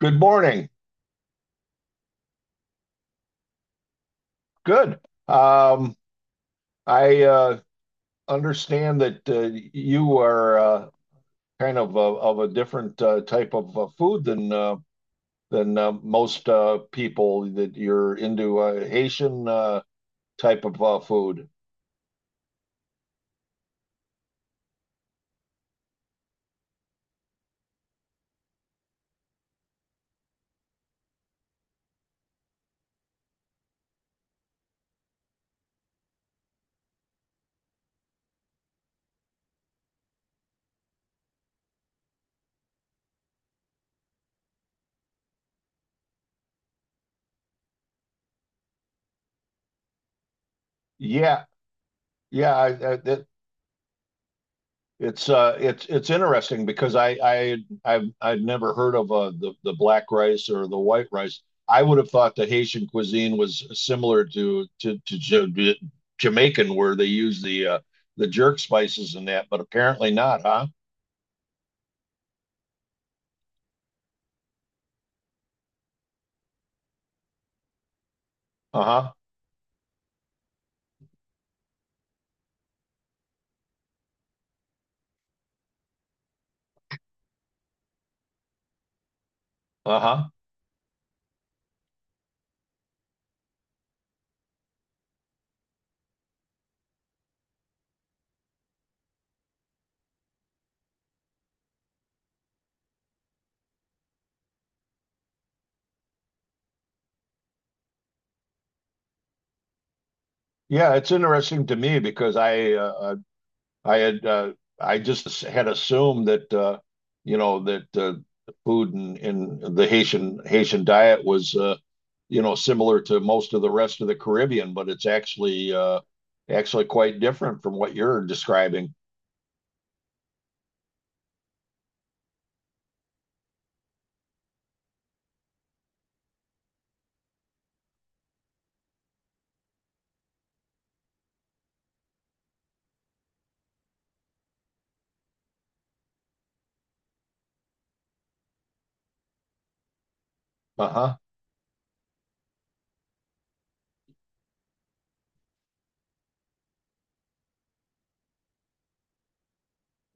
Good morning. Good. Um, I understand that you are kind of a different type of food than than most people. That you're into Haitian type of food. Yeah, yeah. I, it's interesting because I I've I'd never heard of the black rice or the white rice. I would have thought the Haitian cuisine was similar to Jamaican, where they use the jerk spices and that, but apparently not, huh? Uh-huh. Uh-huh. Yeah, it's interesting to me because I had uh, I just had assumed that you know that uh, the food in the Haitian diet was you know, similar to most of the rest of the Caribbean, but it's actually quite different from what you're describing. Uh-huh.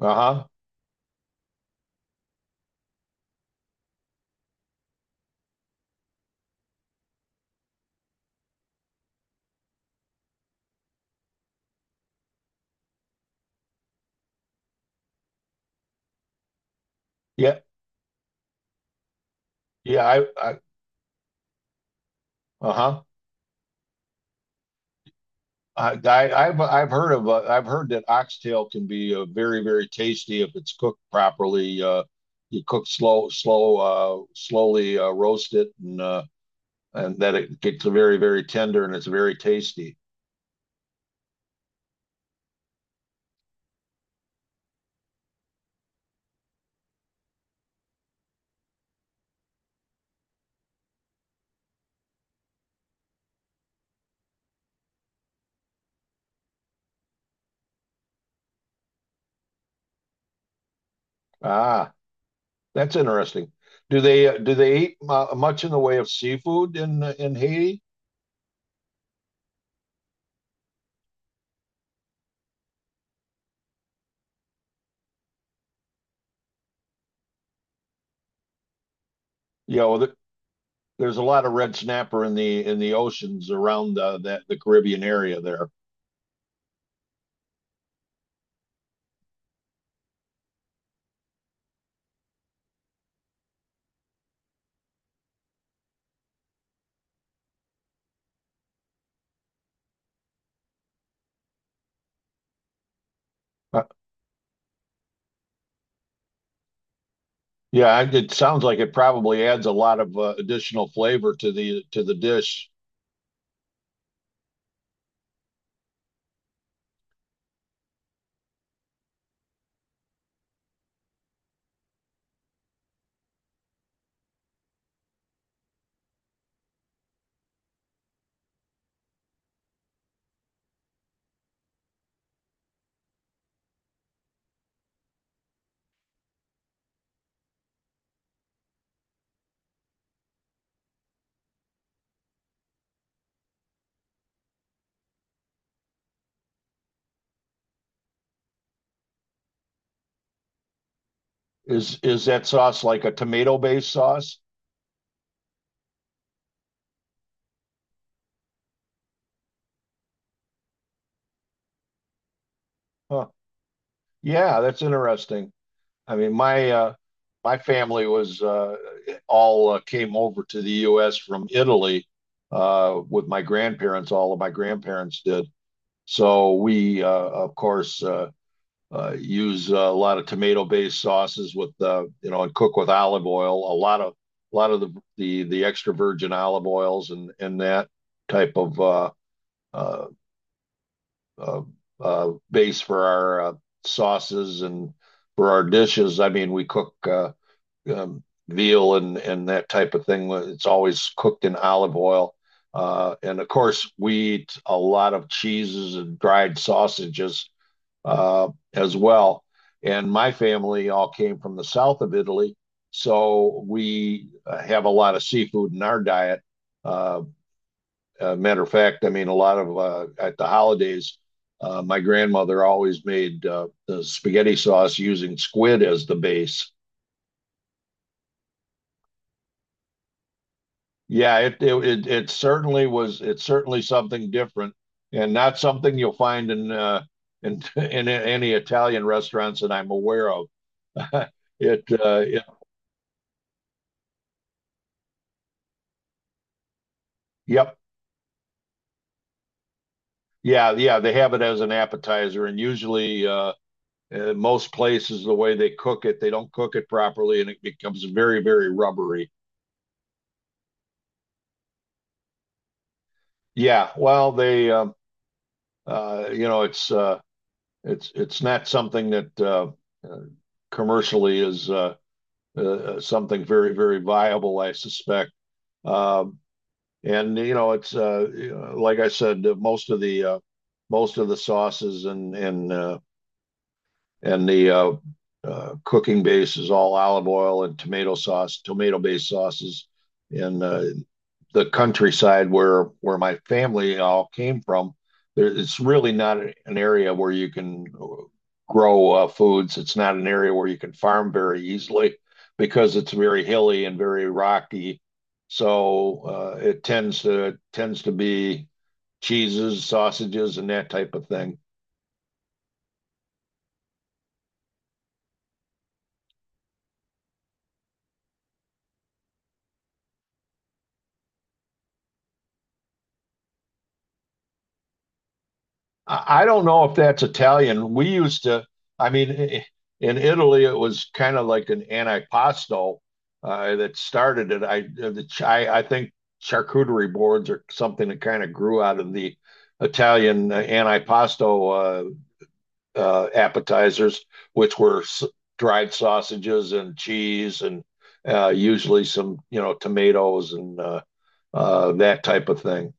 Uh-huh. Yeah. Yeah. I uh-huh. I, I've heard of I've heard that oxtail can be very very tasty if it's cooked properly. You cook slowly roast it and that it gets very very tender and it's very tasty. Ah. That's interesting. Do they eat mu much in the way of seafood in Haiti? You know, th There's a lot of red snapper in the oceans around that the Caribbean area there. Uh, yeah, I- it sounds like it probably adds a lot of additional flavor to the dish. Is that sauce like a tomato-based sauce? Huh. Yeah, that's interesting. I mean, my family was all came over to the U.S. from Italy with my grandparents. All of my grandparents did. So we, of course, use a lot of tomato-based sauces with you know, and cook with olive oil. A lot of the extra virgin olive oils and that type of uh, uh, base for our sauces and for our dishes. I mean, we cook. Um, Veal and that type of thing. It's always cooked in olive oil. And of course, we eat a lot of cheeses and dried sausages as well. And my family all came from the south of Italy, so we have a lot of seafood in our diet. Uh, Matter of fact, I mean, a lot of at the holidays, my grandmother always made the spaghetti sauce using squid as the base. Yeah, it certainly was. It's certainly something different, and not something you'll find in in any Italian restaurants that I'm aware of. It, uh, it, yep, yeah, yeah. They have it as an appetizer, and usually, most places the way they cook it, they don't cook it properly, and it becomes very, very rubbery. Yeah, well, you know, it's not something that uh, commercially is something very, very viable, I suspect. Um, and you know, it's like I said, most of the sauces and and the cooking base is all olive oil and tomato sauce, tomato based sauces, and the countryside where my family all came from, there, it's really not an area where you can grow foods. It's not an area where you can farm very easily because it's very hilly and very rocky. So it tends to be cheeses, sausages, and that type of thing. I don't know if that's Italian. We used to, I mean, I- In Italy, it was kind of like an antipasto that started it. I, the, ch- I think charcuterie boards are something that kind of grew out of the Italian antipasto appetizers, which were dried sausages and cheese and usually some, you know, tomatoes and that type of thing.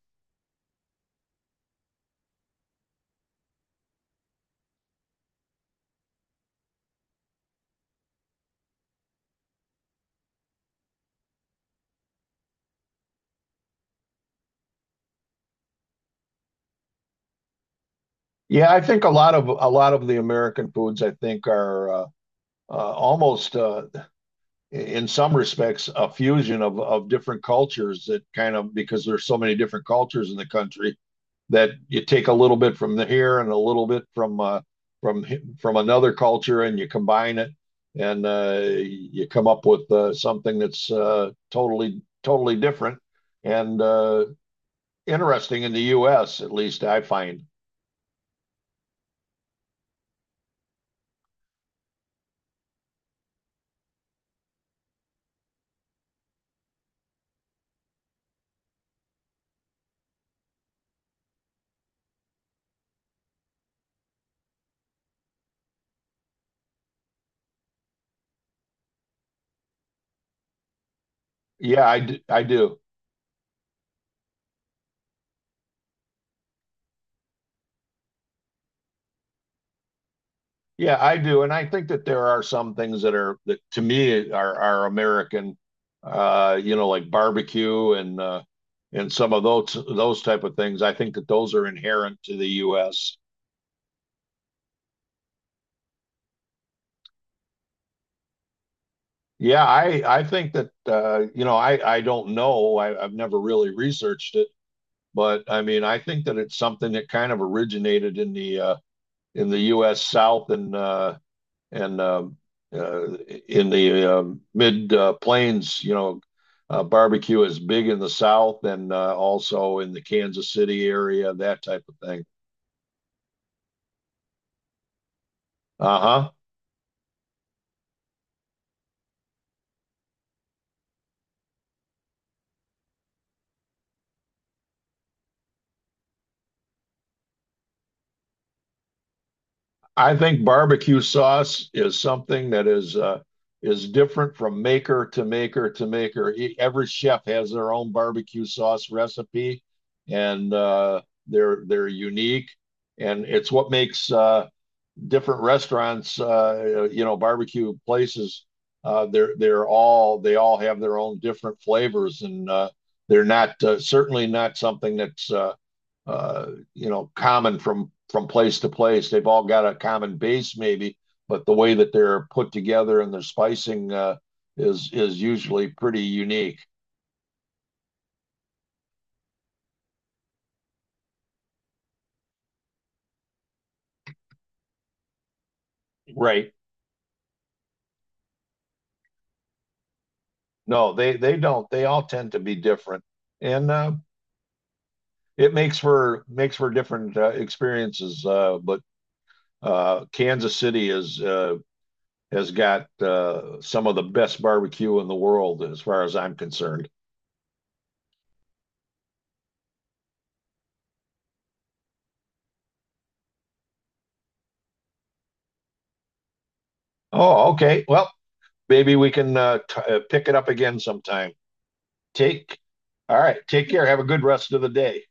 Yeah, I think a lot of the American foods I think are almost in some respects a fusion of different cultures that kind of, because there's so many different cultures in the country, that you take a little bit from the here and a little bit from from from another culture and you combine it and you come up with something that's totally totally different and interesting in the U.S. at least I find. I do. Yeah, I do, and I think that there are some things that are that to me are American, you know, like barbecue and some of those type of things. I think that those are inherent to the U.S. Yeah, I think that you know, I don't know. I've never really researched it, but I mean I think that it's something that kind of originated in the U.S. South and uh, in the mid plains, you know, barbecue is big in the South and also in the Kansas City area, that type of thing. Uh-huh. I think barbecue sauce is something that is different from maker to maker. Every chef has their own barbecue sauce recipe, and they're unique, and it's what makes different restaurants, you know, barbecue places, they all have their own different flavors, and they're not certainly not something that's uh, you know, common from place to place. They've all got a common base maybe, but the way that they're put together and their spicing is usually pretty unique. Right. No, they don't. They all tend to be different, and it makes for different experiences. But Kansas City is has got some of the best barbecue in the world, as far as I'm concerned. Oh, okay. Well, maybe we can pick it up again sometime. Take, all right. Take care. Have a good rest of the day.